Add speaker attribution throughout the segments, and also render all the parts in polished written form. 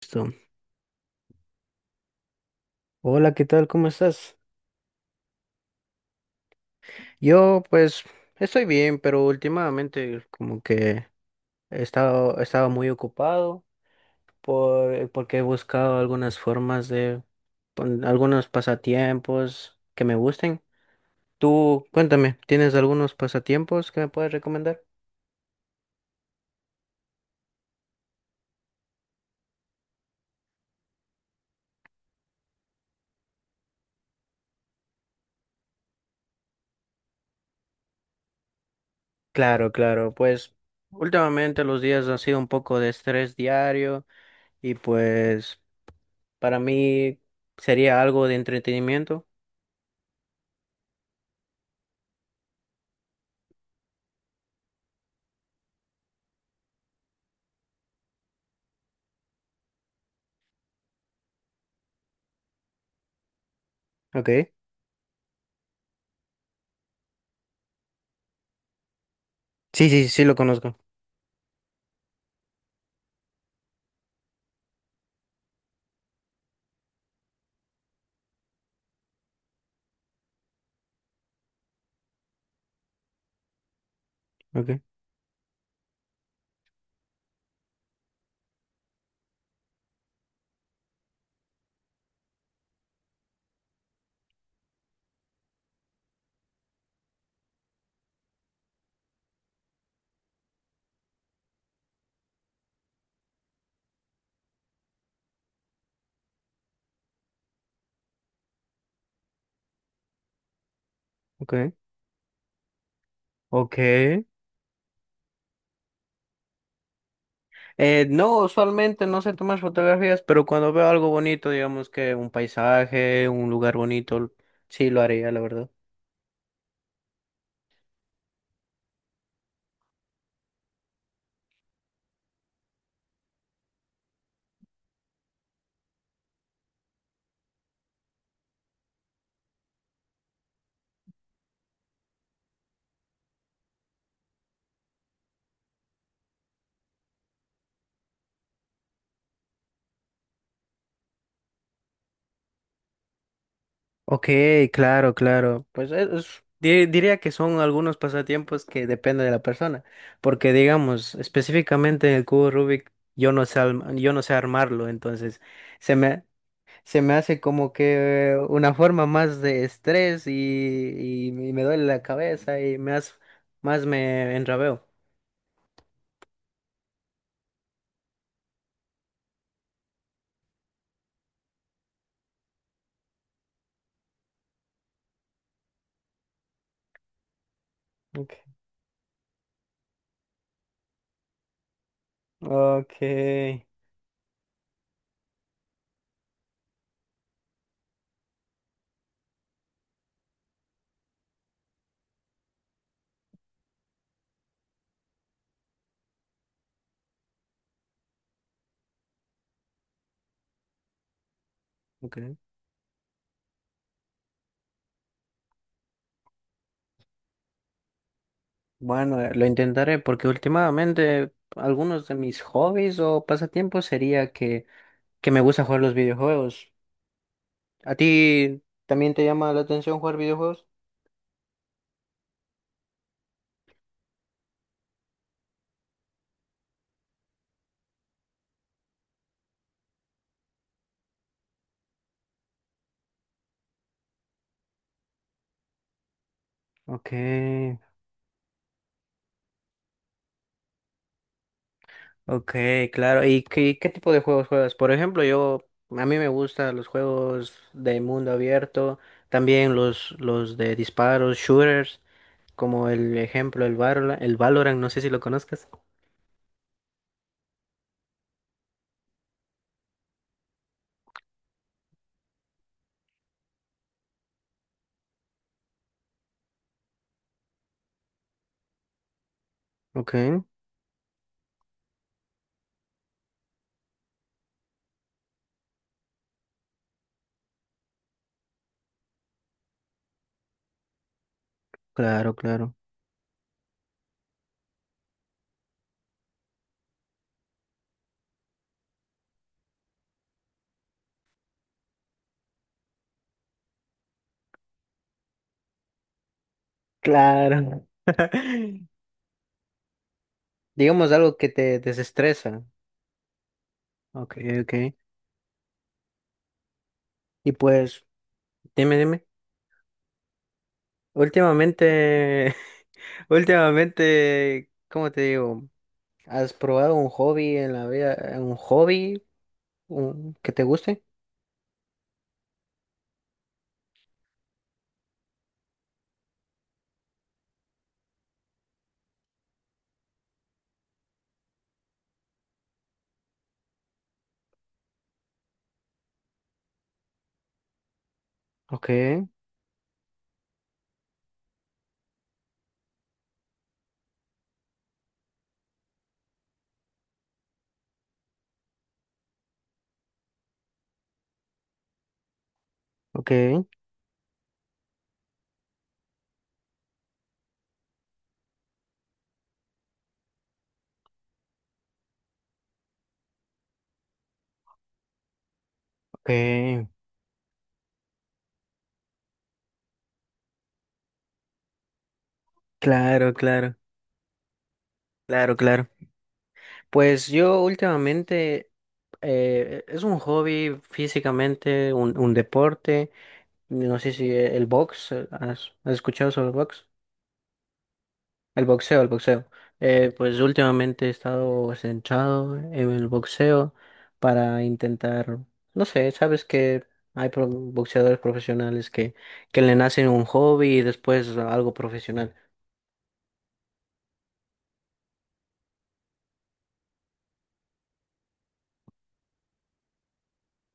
Speaker 1: Listo. Hola, ¿qué tal? ¿Cómo estás? Yo, pues, estoy bien, pero últimamente como que estaba muy ocupado porque he buscado algunas formas algunos pasatiempos que me gusten. Tú, cuéntame, ¿tienes algunos pasatiempos que me puedes recomendar? Claro, claro, pues últimamente los días han sido un poco de estrés diario y pues para mí sería algo de entretenimiento. Ok. Sí, sí, sí lo conozco. Ok. Okay. Okay. No, usualmente no sé tomar fotografías, pero cuando veo algo bonito, digamos que un paisaje, un lugar bonito, sí lo haría, la verdad. Ok, claro, claro. Pues diría que son algunos pasatiempos que depende de la persona, porque digamos, específicamente en el cubo Rubik, yo no sé armarlo, entonces se me, Se me hace como que una forma más de estrés y, y me duele la cabeza y me hace, más me enrabeo. Ok, ok, ok. Bueno, lo intentaré porque últimamente algunos de mis hobbies o pasatiempos sería que me gusta jugar los videojuegos. ¿A ti también te llama la atención jugar videojuegos? Ok. Ok, claro. ¿Y qué tipo de juegos juegas? Por ejemplo, yo, a mí me gustan los juegos de mundo abierto, también los de disparos, shooters, como el ejemplo, el Valorant, no sé si lo conozcas. Ok, claro, claro. Claro. Digamos algo que te desestresa. Ok, ok. Y pues, dime, dime. Últimamente, últimamente, ¿cómo te digo? ¿Has probado un hobby en la vida, un hobby? Que te guste. Ok, ok, ok. Claro, claro, claro, claro. Pues yo últimamente es un hobby físicamente, un deporte. No sé si el box, ¿has escuchado sobre el box? El boxeo, el boxeo. Pues últimamente he estado centrado en el boxeo para intentar, no sé, sabes que hay boxeadores profesionales que le nacen un hobby y después algo profesional.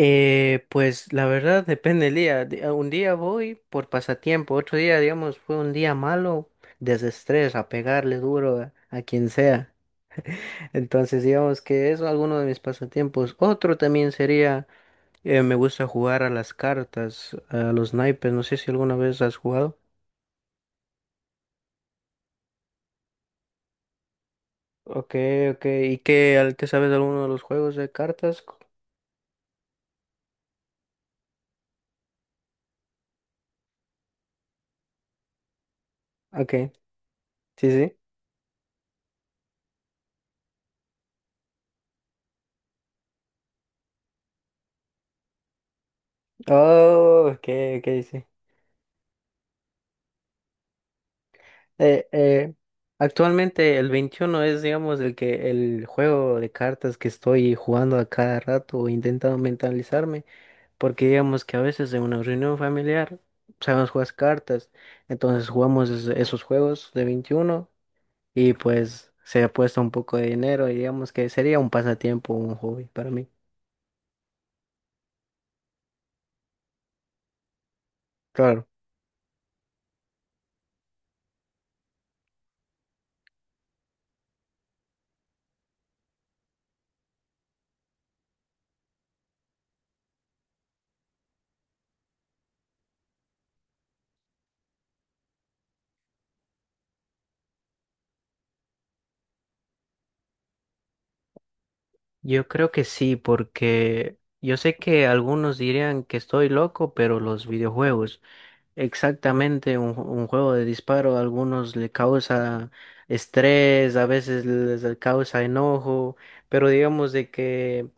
Speaker 1: Pues la verdad depende del día. Un día voy por pasatiempo, otro día, digamos, fue un día malo, desestrés, a pegarle duro a quien sea. Entonces, digamos que es alguno de mis pasatiempos. Otro también sería, me gusta jugar a las cartas, a los naipes. No sé si alguna vez has jugado. Ok, ok. ¿Y qué sabes de alguno de los juegos de cartas? Ok, sí, sí. Oh, ok, ok, sí. Eh, eh, Actualmente el 21 es, digamos, el juego de cartas que estoy jugando a cada rato o intentando mentalizarme, porque digamos que a veces en una reunión familiar sabemos jugar cartas, entonces jugamos esos juegos de 21 y pues se apuesta un poco de dinero y digamos que sería un pasatiempo, un hobby para mí. Claro, yo creo que sí, porque yo sé que algunos dirían que estoy loco, pero los videojuegos. Exactamente, un juego de disparo a algunos le causa estrés, a veces les causa enojo, pero digamos de que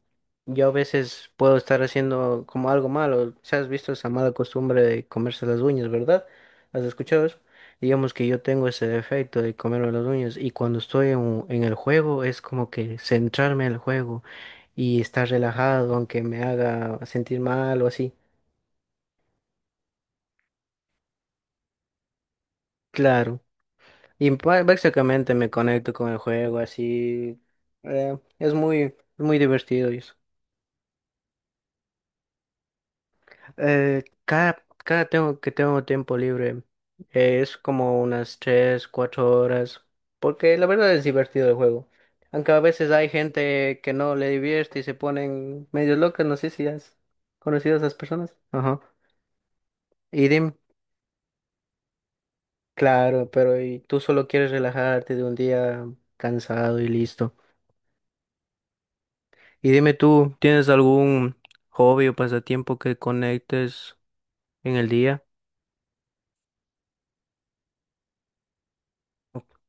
Speaker 1: yo a veces puedo estar haciendo como algo malo. Si has visto esa mala costumbre de comerse las uñas, ¿verdad? ¿Has escuchado eso? Digamos que yo tengo ese defecto de comerme las uñas y cuando estoy en el juego es como que centrarme en el juego y estar relajado aunque me haga sentir mal o así. Claro. Y básicamente me conecto con el juego, así es muy, muy divertido eso. Cada tengo que tengo tiempo libre es como unas 3 4 horas, porque la verdad es divertido el juego. Aunque a veces hay gente que no le divierte y se ponen medio locas, no sé si has conocido a esas personas. Ajá. Y dime, claro, pero y tú solo quieres relajarte de un día cansado y listo. Y dime tú, ¿tienes algún hobby o pasatiempo que conectes en el día? Ok.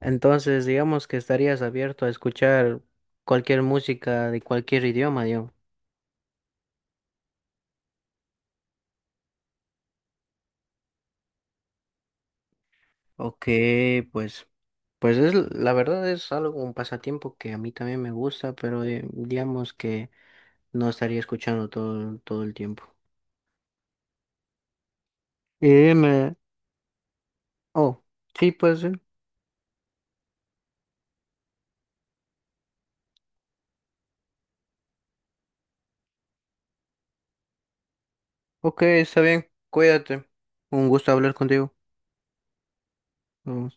Speaker 1: Entonces, digamos que estarías abierto a escuchar cualquier música de cualquier idioma, digamos. Ok, pues, pues es, la verdad es algo, un pasatiempo que a mí también me gusta, pero digamos que no estaría escuchando todo, todo el tiempo. Y dime, oh, sí, pues, sí. Ok, está bien, cuídate. Un gusto hablar contigo. Mm.